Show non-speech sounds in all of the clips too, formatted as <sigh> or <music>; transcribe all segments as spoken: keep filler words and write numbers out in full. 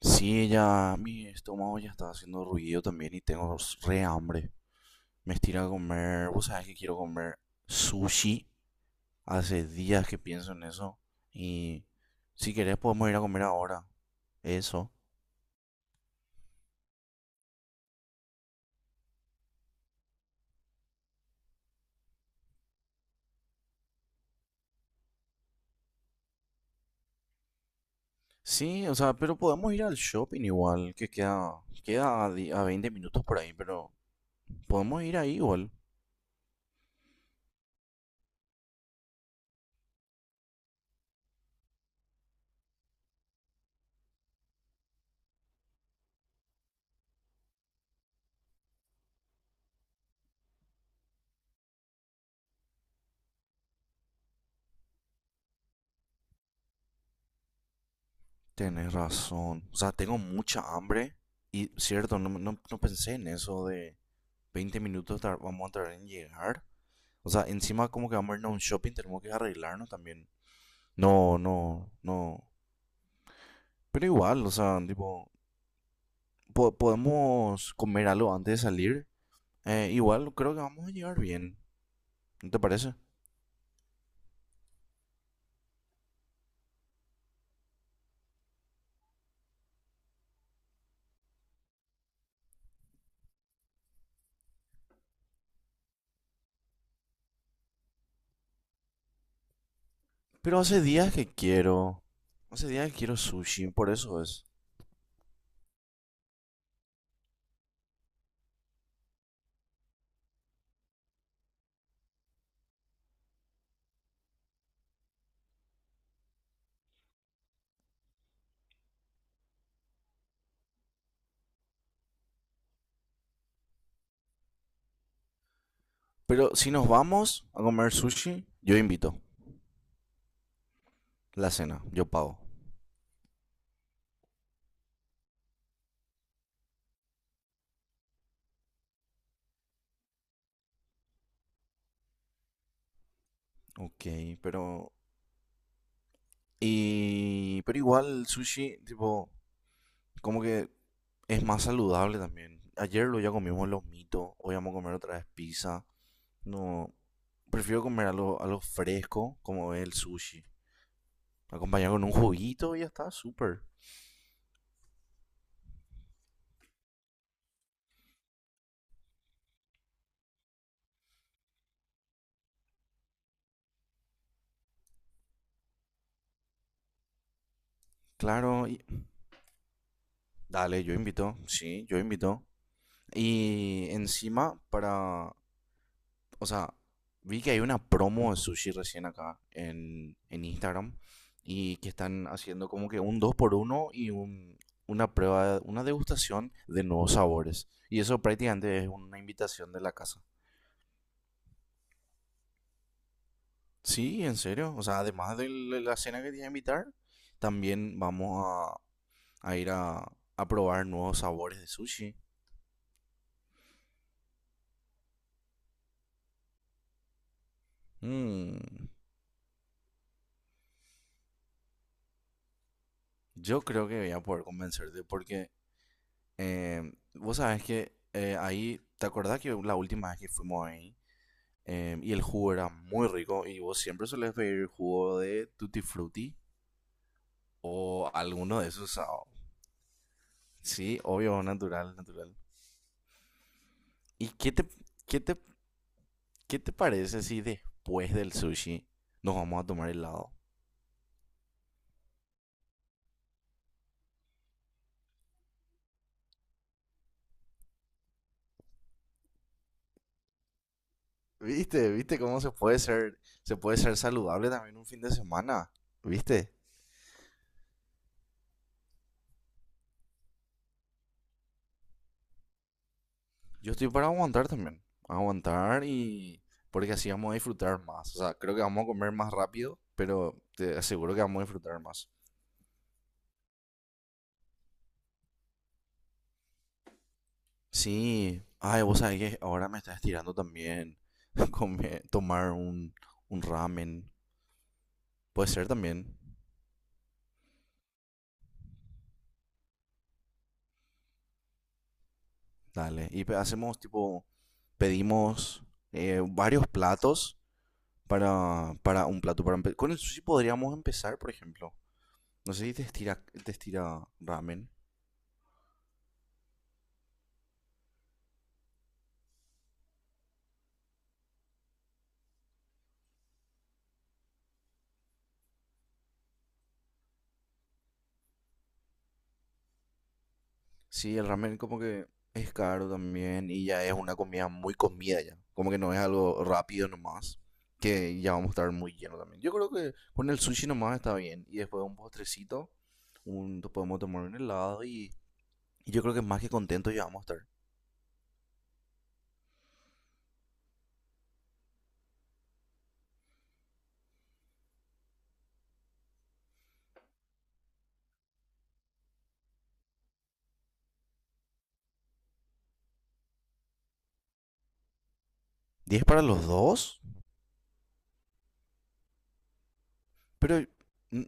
Sí, ya mi estómago ya está haciendo ruido también y tengo re hambre. Me estira a comer, vos sabés que quiero comer sushi. Hace días que pienso en eso. Y si querés podemos ir a comer ahora. Eso. Sí, o sea, pero podemos ir al shopping igual, que queda, queda a, di- a veinte minutos por ahí, pero podemos ir ahí igual. Tenés razón. O sea, tengo mucha hambre. Y cierto, no, no, no pensé en eso de veinte minutos tar- vamos a tardar en llegar. O sea, encima como que vamos a irnos a un shopping, tenemos que arreglarnos también. No, no, no. Pero igual, o sea, tipo, po- podemos comer algo antes de salir. Eh, igual creo que vamos a llegar bien, ¿no te parece? Pero hace días que quiero, hace días que quiero sushi, por eso es. Pero si nos vamos a comer sushi, yo invito la cena, yo pago. Ok, pero... Y... Pero igual sushi, tipo... como que es más saludable también. Ayer lo ya comimos los mitos, hoy vamos a comer otra vez pizza. No, prefiero comer algo, algo fresco como es el sushi. Acompañado con un juguito y ya está, súper. Claro, y- dale, yo invito, sí, yo invito. Y encima, para o sea, vi que hay una promo de sushi recién acá en, en Instagram y que están haciendo como que un dos por uno y un, una prueba, una degustación de nuevos sabores. Y eso prácticamente es una invitación de la casa. Sí, en serio. O sea, además de l- la cena que te iba a invitar, también vamos a, a ir a, a probar nuevos sabores de sushi. Mm, yo creo que voy a poder convencerte porque Eh, vos sabés que eh, ahí, ¿te acordás que la última vez que fuimos ahí? eh, y el jugo era muy rico y vos siempre solés pedir jugo de Tutti Frutti o alguno de esos. Ah, sí, obvio, natural, natural. ¿Y qué te, qué te, qué te parece si después del sushi nos vamos a tomar helado? ¿Viste? ¿Viste cómo se puede ser, se puede ser saludable también un fin de semana? ¿Viste? Yo estoy para aguantar también. Aguantar y. Porque así vamos a disfrutar más. O sea, creo que vamos a comer más rápido, pero te aseguro que vamos a disfrutar más. Sí. Ay, vos sabés que ahora me estás estirando también. <laughs> Comer- tomar un, un ramen. Puede ser también. Dale. Y pe- hacemos tipo. Pedimos eh, varios platos para, para un plato. Para empe- Con el sushi podríamos empezar, por ejemplo. No sé si te estira, te estira ramen. Sí, el ramen como que es caro también y ya es una comida muy comida ya. Como que no es algo rápido nomás, que ya vamos a estar muy lleno también. Yo creo que con el sushi nomás está bien y después un postrecito, un, podemos tomar un helado y, y yo creo que más que contento ya vamos a estar. ¿Diez para los dos, pero mm,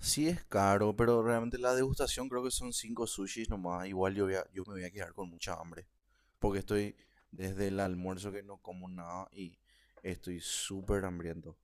sí es caro, pero realmente la degustación creo que son cinco sushis nomás. Igual yo, voy a- yo me voy a quedar con mucha hambre. Porque estoy desde el almuerzo que no como nada y estoy súper hambriento.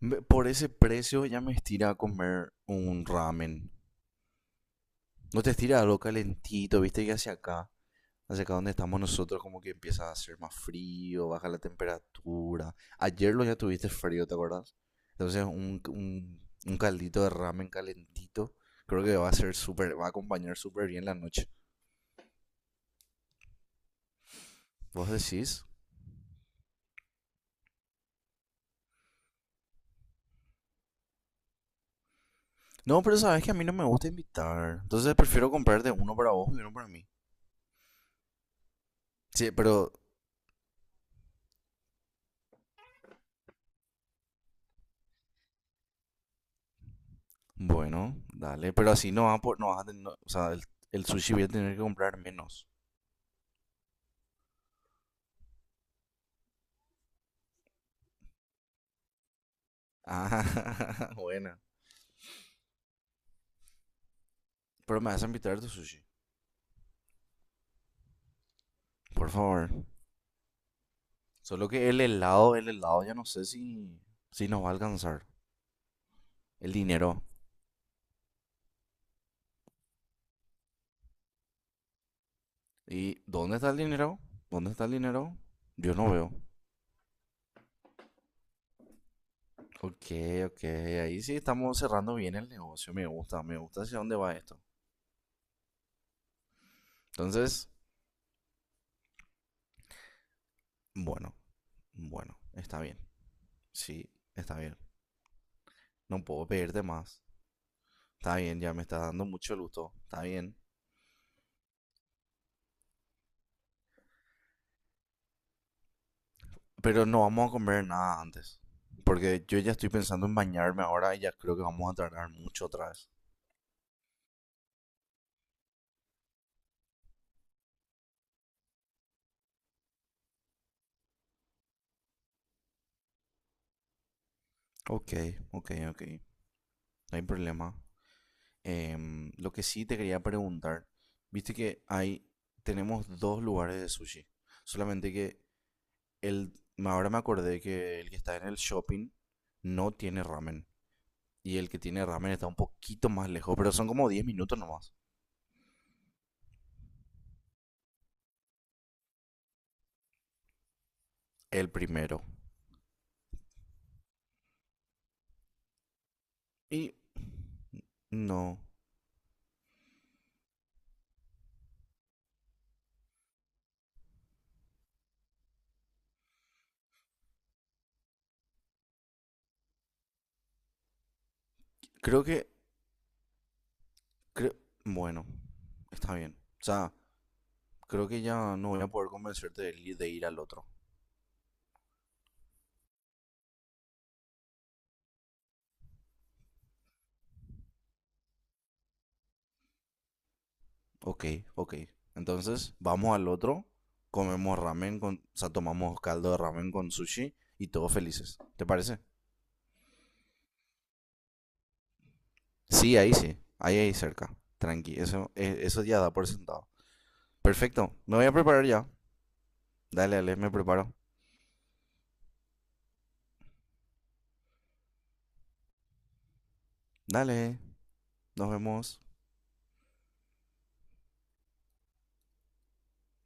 Me- Por ese precio ya me estira a comer un ramen. No te estira algo calentito, viste que hacia acá, hacia acá donde estamos nosotros, como que empieza a hacer más frío, baja la temperatura. Ayer lo ya tuviste frío, ¿te acuerdas? Entonces un, un, un caldito de ramen calentito, creo que va a ser súper, va a acompañar súper bien la noche. ¿Vos decís? No, pero sabes que a mí no me gusta invitar. Entonces prefiero comprarte uno para vos y uno para mí. Sí, pero bueno, dale. Pero así no vas a, po- no vas a tener, o sea, el, el sushi voy a tener que comprar menos. Ah, <laughs> buena. Pero me vas a invitar a tu sushi, por favor. Solo que el helado, el helado, ya no sé si, si nos va a alcanzar. El dinero. ¿Y dónde está el dinero? ¿Dónde está el dinero? Yo no veo. Ok, ok, ahí sí estamos cerrando bien el negocio. Me gusta, me gusta hacia dónde va esto. Entonces, bueno, bueno, está bien. Sí, está bien. No puedo pedirte más. Está bien, ya me está dando mucho gusto. Está bien. Pero no vamos a comer nada antes. Porque yo ya estoy pensando en bañarme ahora y ya creo que vamos a tardar mucho otra vez. Ok, ok, ok. No hay problema. Em, lo que sí te quería preguntar, viste que hay, tenemos dos lugares de sushi. Solamente que el, ahora me acordé que el que está en el shopping no tiene ramen. Y el que tiene ramen está un poquito más lejos, pero son como diez minutos nomás. El primero. Y no, creo que, creo, bueno, está bien. O sea, creo que ya no voy a poder convencerte de, ir- de ir al otro. Ok, ok. Entonces, vamos al otro, comemos ramen con, o sea, tomamos caldo de ramen con sushi y todos felices. ¿Te parece? Sí, ahí sí, ahí ahí cerca. Tranqui, eso, eh, eso ya da por sentado. Perfecto, me voy a preparar ya. Dale, dale, me preparo. Dale, nos vemos.